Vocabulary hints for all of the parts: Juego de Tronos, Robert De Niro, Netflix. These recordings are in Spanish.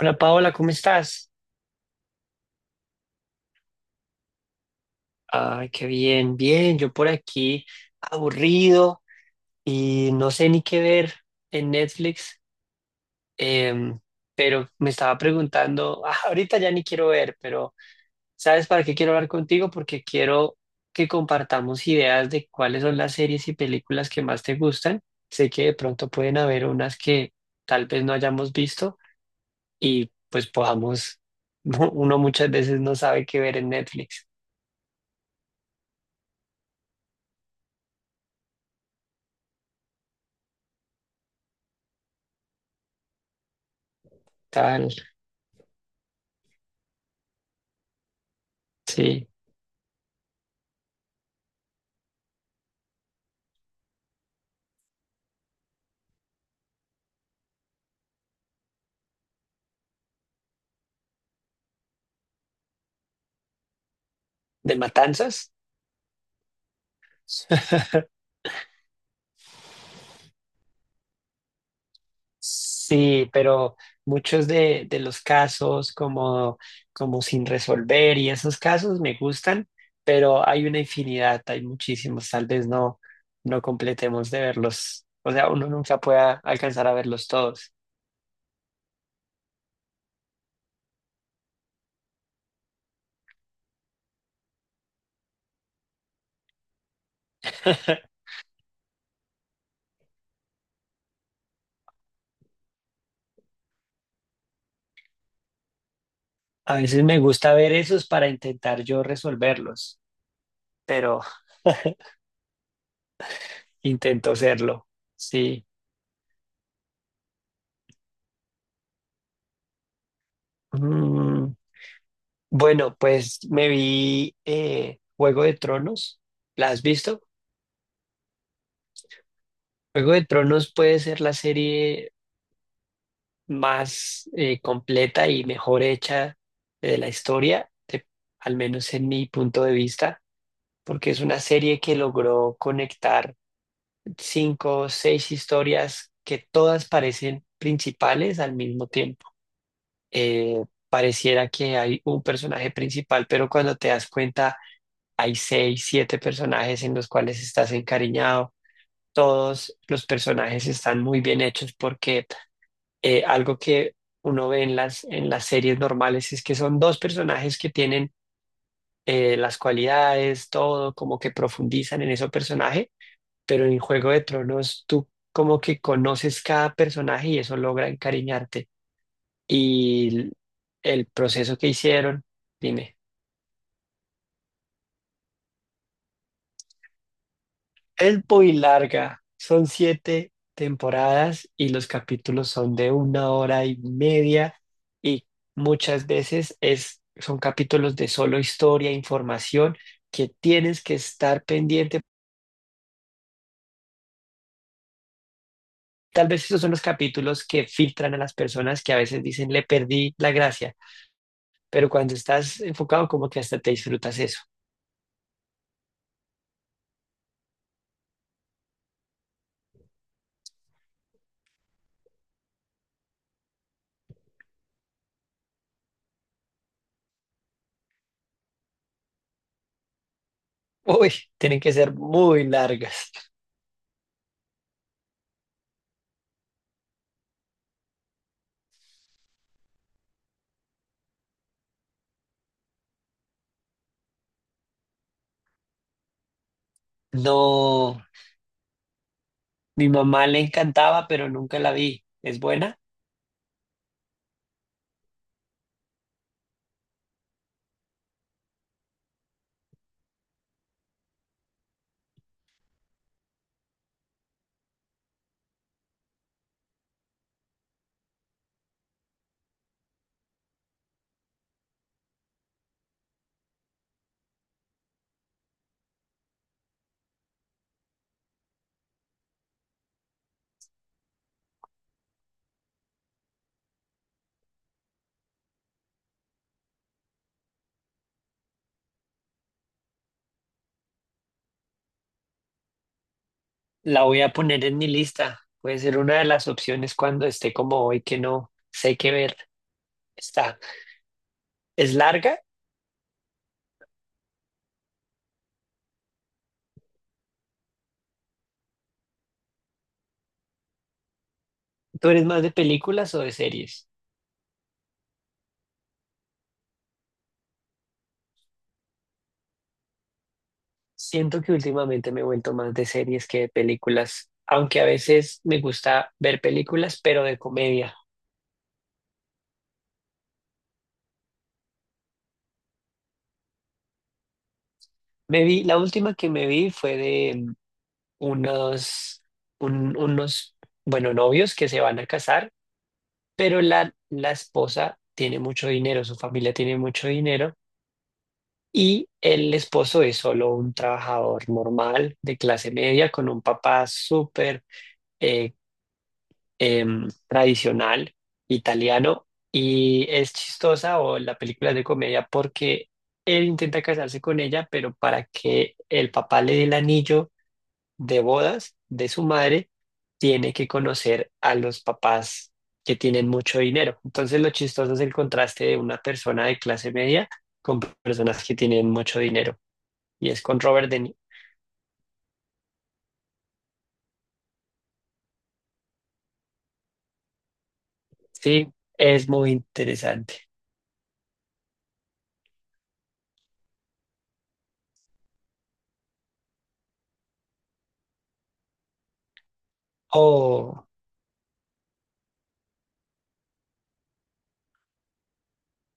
Hola Paola, ¿cómo estás? Ay, qué bien, bien. Yo por aquí aburrido y no sé ni qué ver en Netflix, em, pero me estaba preguntando, ah, ahorita ya ni quiero ver, pero ¿sabes para qué quiero hablar contigo? Porque quiero que compartamos ideas de cuáles son las series y películas que más te gustan. Sé que de pronto pueden haber unas que tal vez no hayamos visto y pues podamos, uno muchas veces no sabe qué ver en Netflix. Tal, sí. ¿De matanzas? Sí, pero muchos de los casos como, como sin resolver y esos casos me gustan, pero hay una infinidad, hay muchísimos, tal vez no, no completemos de verlos, o sea, uno nunca pueda alcanzar a verlos todos. A veces me gusta ver esos para intentar yo resolverlos, pero intento serlo, sí. Mm, bueno, pues me vi Juego de Tronos. ¿La has visto? Juego de Tronos puede ser la serie más completa y mejor hecha de la historia, de- al menos en mi punto de vista, porque es una serie que logró conectar cinco o seis historias que todas parecen principales al mismo tiempo. Eh, Pareciera que hay un personaje principal, pero cuando te das cuenta hay seis, siete personajes en los cuales estás encariñado. Todos los personajes están muy bien hechos porque algo que uno ve en las series normales es que son dos personajes que tienen las cualidades, todo, como que profundizan en ese personaje, pero en Juego de Tronos tú como que conoces cada personaje y eso logra encariñarte. Y el proceso que hicieron, dime. Es muy larga, son siete temporadas y los capítulos son de una hora y media y muchas veces es, son capítulos de solo historia, información que tienes que estar pendiente. Tal vez esos son los capítulos que filtran a las personas que a veces dicen le perdí la gracia, pero cuando estás enfocado como que hasta te disfrutas eso. Uy, tienen que ser muy largas. No, mi mamá le encantaba, pero nunca la vi. ¿Es buena? La voy a poner en mi lista. Puede ser una de las opciones cuando esté como hoy que no sé qué ver. Está. ¿Es larga? ¿Tú eres más de películas o de series? Siento que últimamente me he vuelto más de series que de películas, aunque a veces me gusta ver películas, pero de comedia. Me vi, la última que me vi fue de unos, unos, bueno, novios que se van a casar, pero la esposa tiene mucho dinero, su familia tiene mucho dinero. Y el esposo es solo un trabajador normal de clase media con un papá súper eh, tradicional italiano. Y es chistosa o la película es de comedia porque él intenta casarse con ella, pero para que el papá le dé el anillo de bodas de su madre, tiene que conocer a los papás que tienen mucho dinero. Entonces lo chistoso es el contraste de una persona de clase media con personas que tienen mucho dinero y es con Robert De Niro. Sí, es muy interesante. Oh,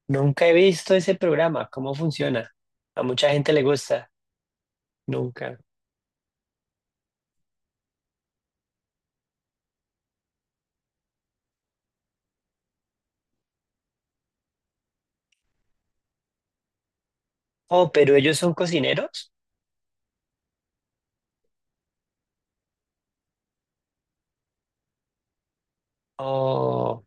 nunca he visto ese programa, ¿cómo funciona? A mucha gente le gusta, nunca. Oh, pero ellos son cocineros. Oh,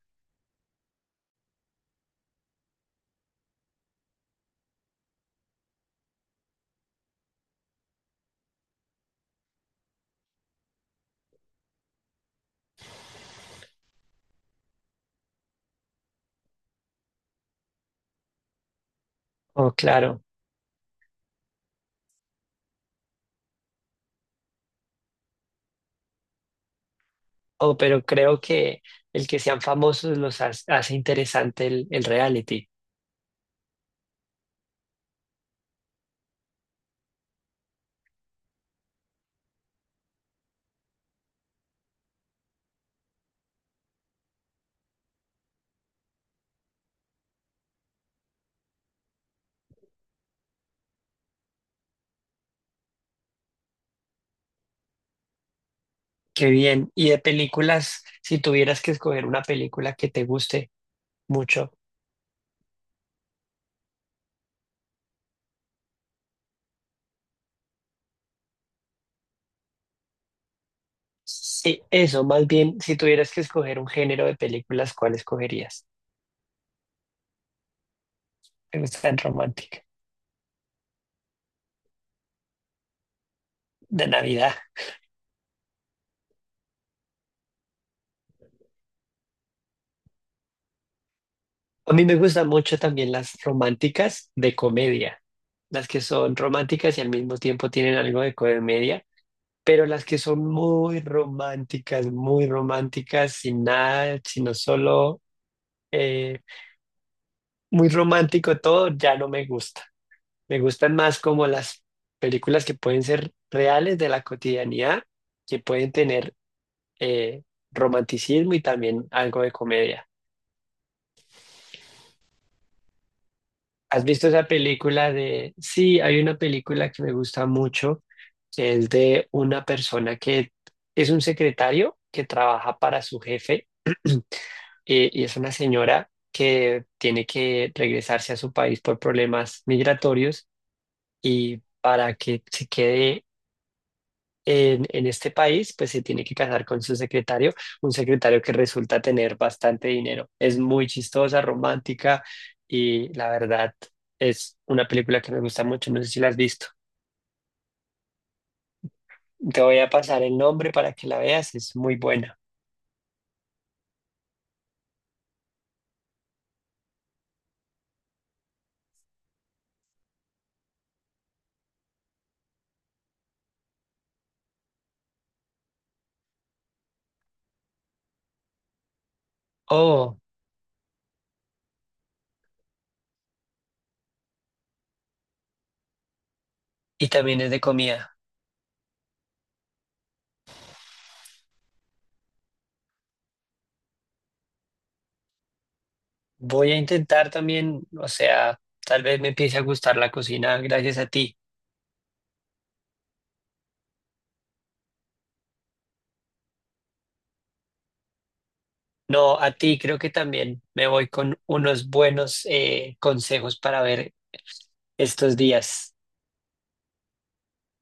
oh, claro. Oh, pero creo que el que sean famosos los hace interesante el reality. Qué bien. Y de películas, si tuvieras que escoger una película que te guste mucho, sí, eso, más bien, si tuvieras que escoger un género de películas, ¿cuál escogerías? Me gustan románticas. De Navidad. A mí me gustan mucho también las románticas de comedia, las que son románticas y al mismo tiempo tienen algo de comedia, pero las que son muy románticas, sin nada, sino solo eh, muy romántico todo, ya no me gusta. Me gustan más como las películas que pueden ser reales de la cotidianidad, que pueden tener eh, romanticismo y también algo de comedia. ¿Has visto esa película de... Sí, hay una película que me gusta mucho, que es de una persona que es un secretario que trabaja para su jefe y es una señora que tiene que regresarse a su país por problemas migratorios y para que se quede en este país, pues se tiene que casar con su secretario, un secretario que resulta tener bastante dinero. Es muy chistosa, romántica y la verdad es una película que me gusta mucho. No sé si la has visto. Te voy a pasar el nombre para que la veas, es muy buena. Oh, y también es de comida. Voy a intentar también, o sea, tal vez me empiece a gustar la cocina gracias a ti. No, a ti creo que también me voy con unos buenos consejos para ver estos días.